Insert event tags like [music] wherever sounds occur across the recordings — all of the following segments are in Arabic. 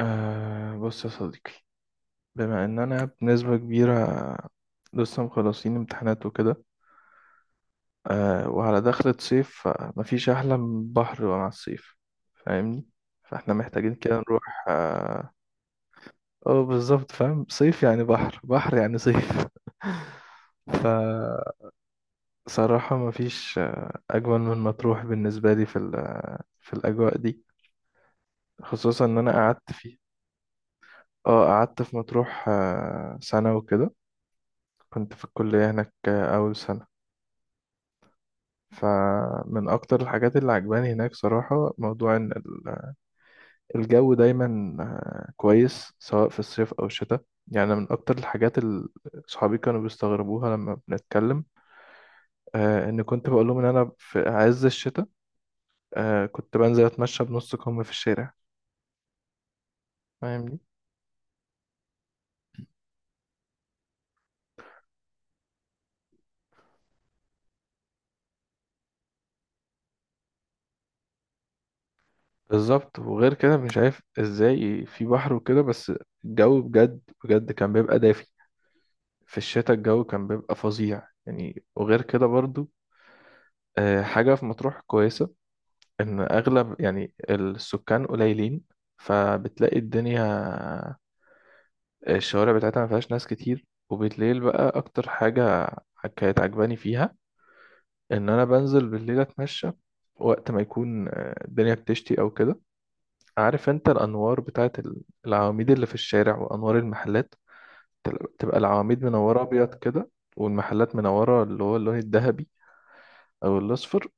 أه، بص يا صديقي. بما ان انا بنسبة كبيرة لسه مخلصين امتحانات وكده، وعلى دخلة صيف، فمفيش احلى من بحر مع الصيف. فاهمني. فاحنا محتاجين كده نروح اه آه، بالظبط، فاهم. صيف يعني بحر بحر يعني صيف. [laughs] فصراحة مفيش اجمل من مطروح بالنسبة لي في في الاجواء دي، خصوصا ان انا قعدت فيه. اه، قعدت في مطروح سنة وكده. كنت في الكلية هناك أول سنة. فمن أكتر الحاجات اللي عجباني هناك صراحة موضوع إن الجو دايما كويس، سواء في الصيف أو الشتاء. يعني من أكتر الحاجات اللي صحابي كانوا بيستغربوها لما بنتكلم، إن كنت بقول لهم إن أنا في عز الشتاء كنت بنزل أتمشى بنص كم في الشارع. فاهمني. بالظبط. وغير كده مش عارف إزاي في بحر وكده، بس الجو بجد بجد كان بيبقى دافي. في الشتاء الجو كان بيبقى فظيع يعني. وغير كده برضو حاجة في مطروح كويسة، إن أغلب يعني السكان قليلين، فبتلاقي الدنيا الشوارع بتاعتها ما فيهاش ناس كتير. وبالليل بقى، أكتر حاجة كانت عجباني فيها إن أنا بنزل بالليل أتمشى وقت ما يكون الدنيا بتشتي أو كده. عارف أنت الأنوار بتاعت العواميد اللي في الشارع وأنوار المحلات، تبقى العواميد منورة أبيض كده، والمحلات منورة اللي هو اللون الذهبي أو الأصفر،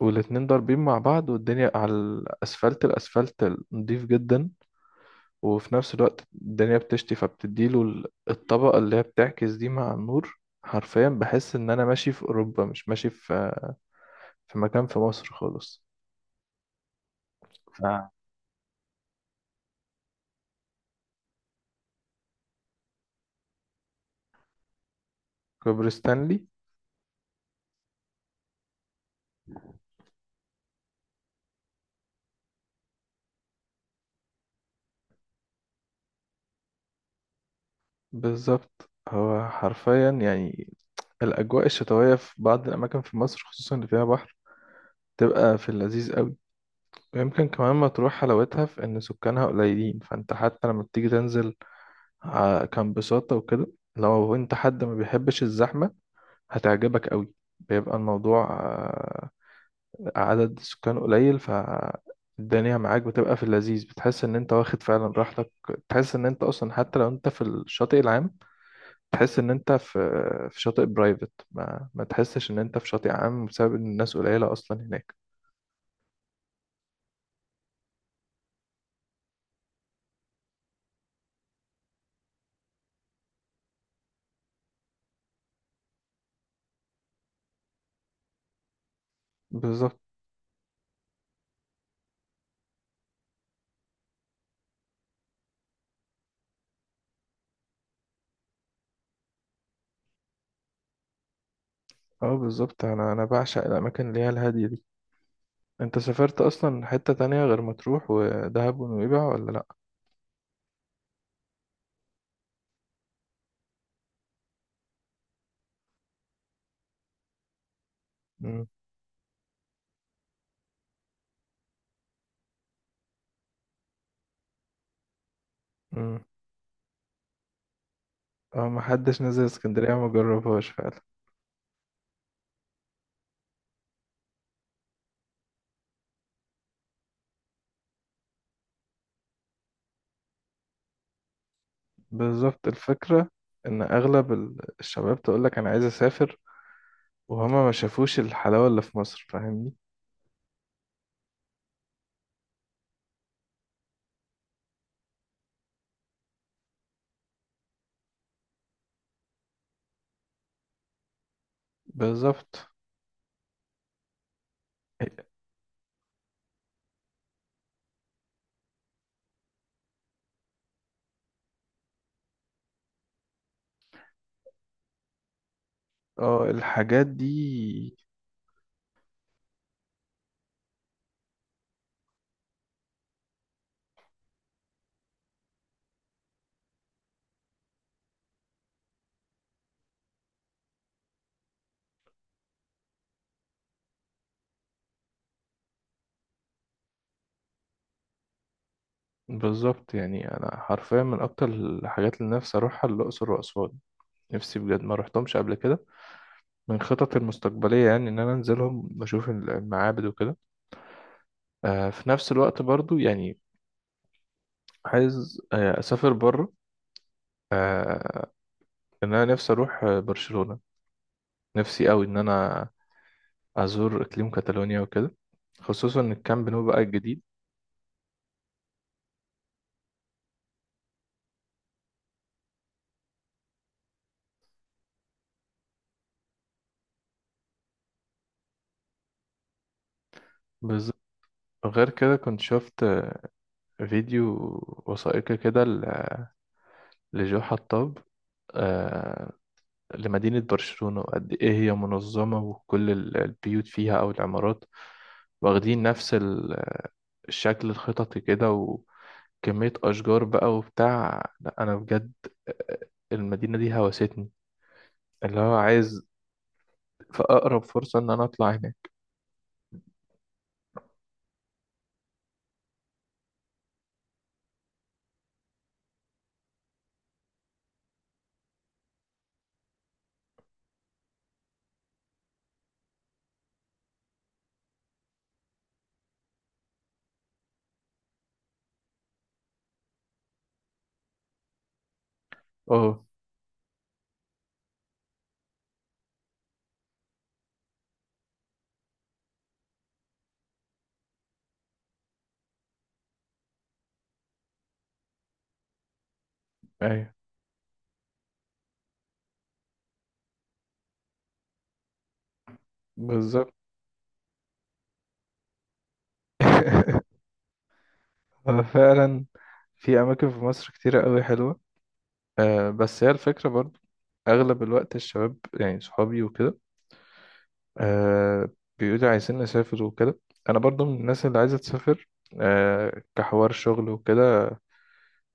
والاتنين ضاربين مع بعض، والدنيا على الأسفلت، الأسفلت نضيف جدا. وفي نفس الوقت الدنيا بتشتي، فبتديله الطبقة اللي هي بتعكس دي مع النور. حرفيا بحس إن أنا ماشي في أوروبا، مش ماشي في مكان في مصر خالص. فكوبري ستانلي. بالظبط، هو حرفيا يعني الأجواء الشتوية في بعض الأماكن في مصر، خصوصا اللي فيها بحر، تبقى في اللذيذ قوي. ويمكن كمان ما تروح حلاوتها في إن سكانها قليلين، فأنت حتى لما بتيجي تنزل كان بساطة وكده. لو انت حد ما بيحبش الزحمة، هتعجبك قوي. بيبقى الموضوع عدد سكان قليل، فالدنيا معاك بتبقى في اللذيذ، بتحس ان انت واخد فعلا راحتك. تحس ان انت اصلا حتى لو انت في الشاطئ العام، تحس ان انت في شاطئ برايفت، ما تحسش ان انت في شاطئ عام بسبب ان الناس قليلة اصلا هناك. بالظبط. اه بالظبط، انا بعشق الاماكن اللي هي الهادية دي. انت سافرت اصلا حتة تانية غير مطروح ودهب ونويبع ولا؟ لا. مم. اه، محدش نزل اسكندرية ما جربهاش فعلا. بالظبط. الفكرة ان اغلب الشباب تقولك انا عايز اسافر، وهما ما شافوش الحلاوة اللي في مصر. فاهمني. بالظبط. اه الحاجات دي. بالظبط، يعني انا حرفيا من اكتر الحاجات اللي نفسي اروحها الاقصر واسوان. نفسي بجد، ما رحتهمش قبل كده. من خططي المستقبليه يعني ان انا انزلهم بشوف المعابد وكده. في نفس الوقت برضو يعني عايز اسافر بره، ان انا نفسي اروح برشلونة. نفسي قوي ان انا ازور اقليم كاتالونيا وكده، خصوصا الكامب نو بقى الجديد. بالظبط. غير كده، كنت شفت فيديو وثائقي كده لجو حطاب، آه، لمدينة برشلونة، وقد ايه هي منظمة، وكل البيوت فيها او العمارات واخدين نفس الشكل الخططي كده، وكمية اشجار بقى وبتاع. لا انا بجد آه، المدينة دي هوستني، اللي هو عايز في أقرب فرصة إن أنا أطلع هناك. أه. أيوه. بالظبط. [laughs] هو فعلا في أماكن في مصر كتيرة أوي حلوة. بس هي الفكرة برضو، أغلب الوقت الشباب يعني صحابي وكده، أه بيقولوا عايزين نسافر وكده. أنا برضو من الناس اللي عايزة تسافر، كحوار شغل وكده،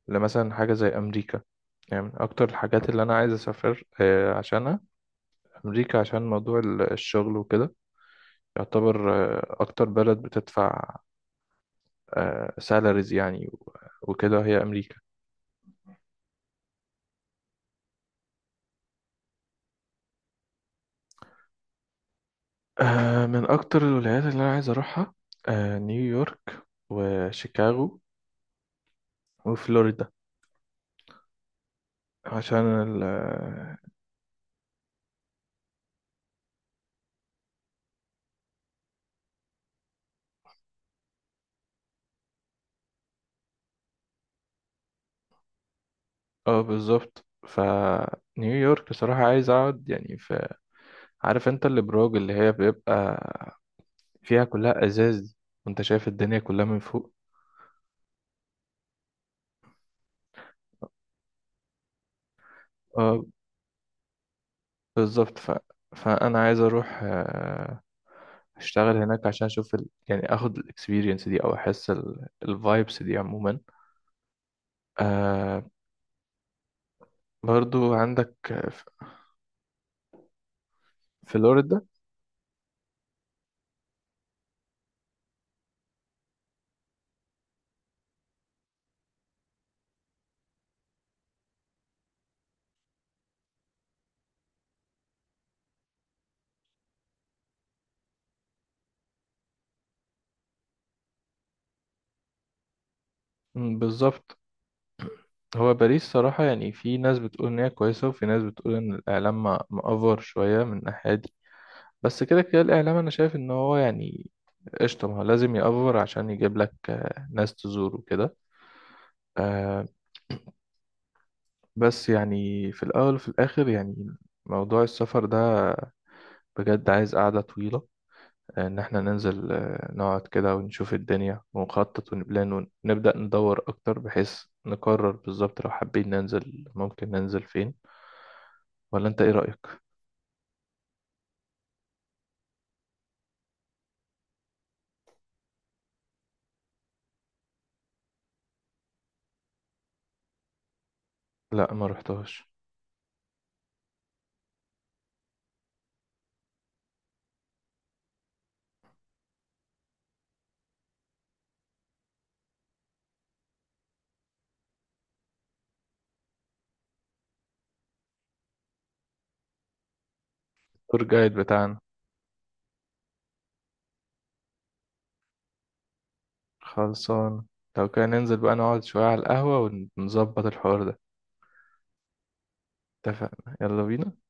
لمثلا حاجة زي أمريكا. يعني من أكتر الحاجات اللي أنا عايز أسافر عشانها أمريكا، عشان موضوع الشغل وكده. يعتبر أكتر بلد بتدفع سالاريز يعني، وكده هي امريكا. من اكتر الولايات اللي انا عايز اروحها نيويورك وشيكاغو وفلوريدا، عشان ال اه بالظبط. فنيويورك بصراحة عايز اقعد يعني في. عارف انت الابراج اللي هي بيبقى فيها كلها ازاز دي، وانت شايف الدنيا كلها من فوق. اه، بالظبط. فانا عايز اروح اشتغل هناك عشان اشوف يعني اخد الاكسبيرينس دي او احس الفايبس دي عموما. آه برضو عندك ف- فلوريدا. مم، بالظبط. هو باريس صراحة، يعني في ناس بتقول إن هي كويسة وفي ناس بتقول إن الإعلام مأفور شوية من الناحية دي. بس كده كده الإعلام أنا شايف إن هو يعني قشطة. ما هو لازم يأفور عشان يجيب لك ناس تزور وكده. آه بس يعني في الأول وفي الآخر، يعني موضوع السفر ده بجد عايز قعدة طويلة، ان احنا ننزل نقعد كده ونشوف الدنيا ونخطط ونبلان ونبدأ ندور اكتر، بحيث نقرر بالظبط لو حابين ننزل ممكن ننزل فين. ولا انت ايه رأيك؟ لا، ما رحتهاش. تور جايد بتاعنا. خلصان. لو كان ننزل بقى نقعد شوية على القهوة ونظبط الحوار ده. اتفقنا، يلا بينا.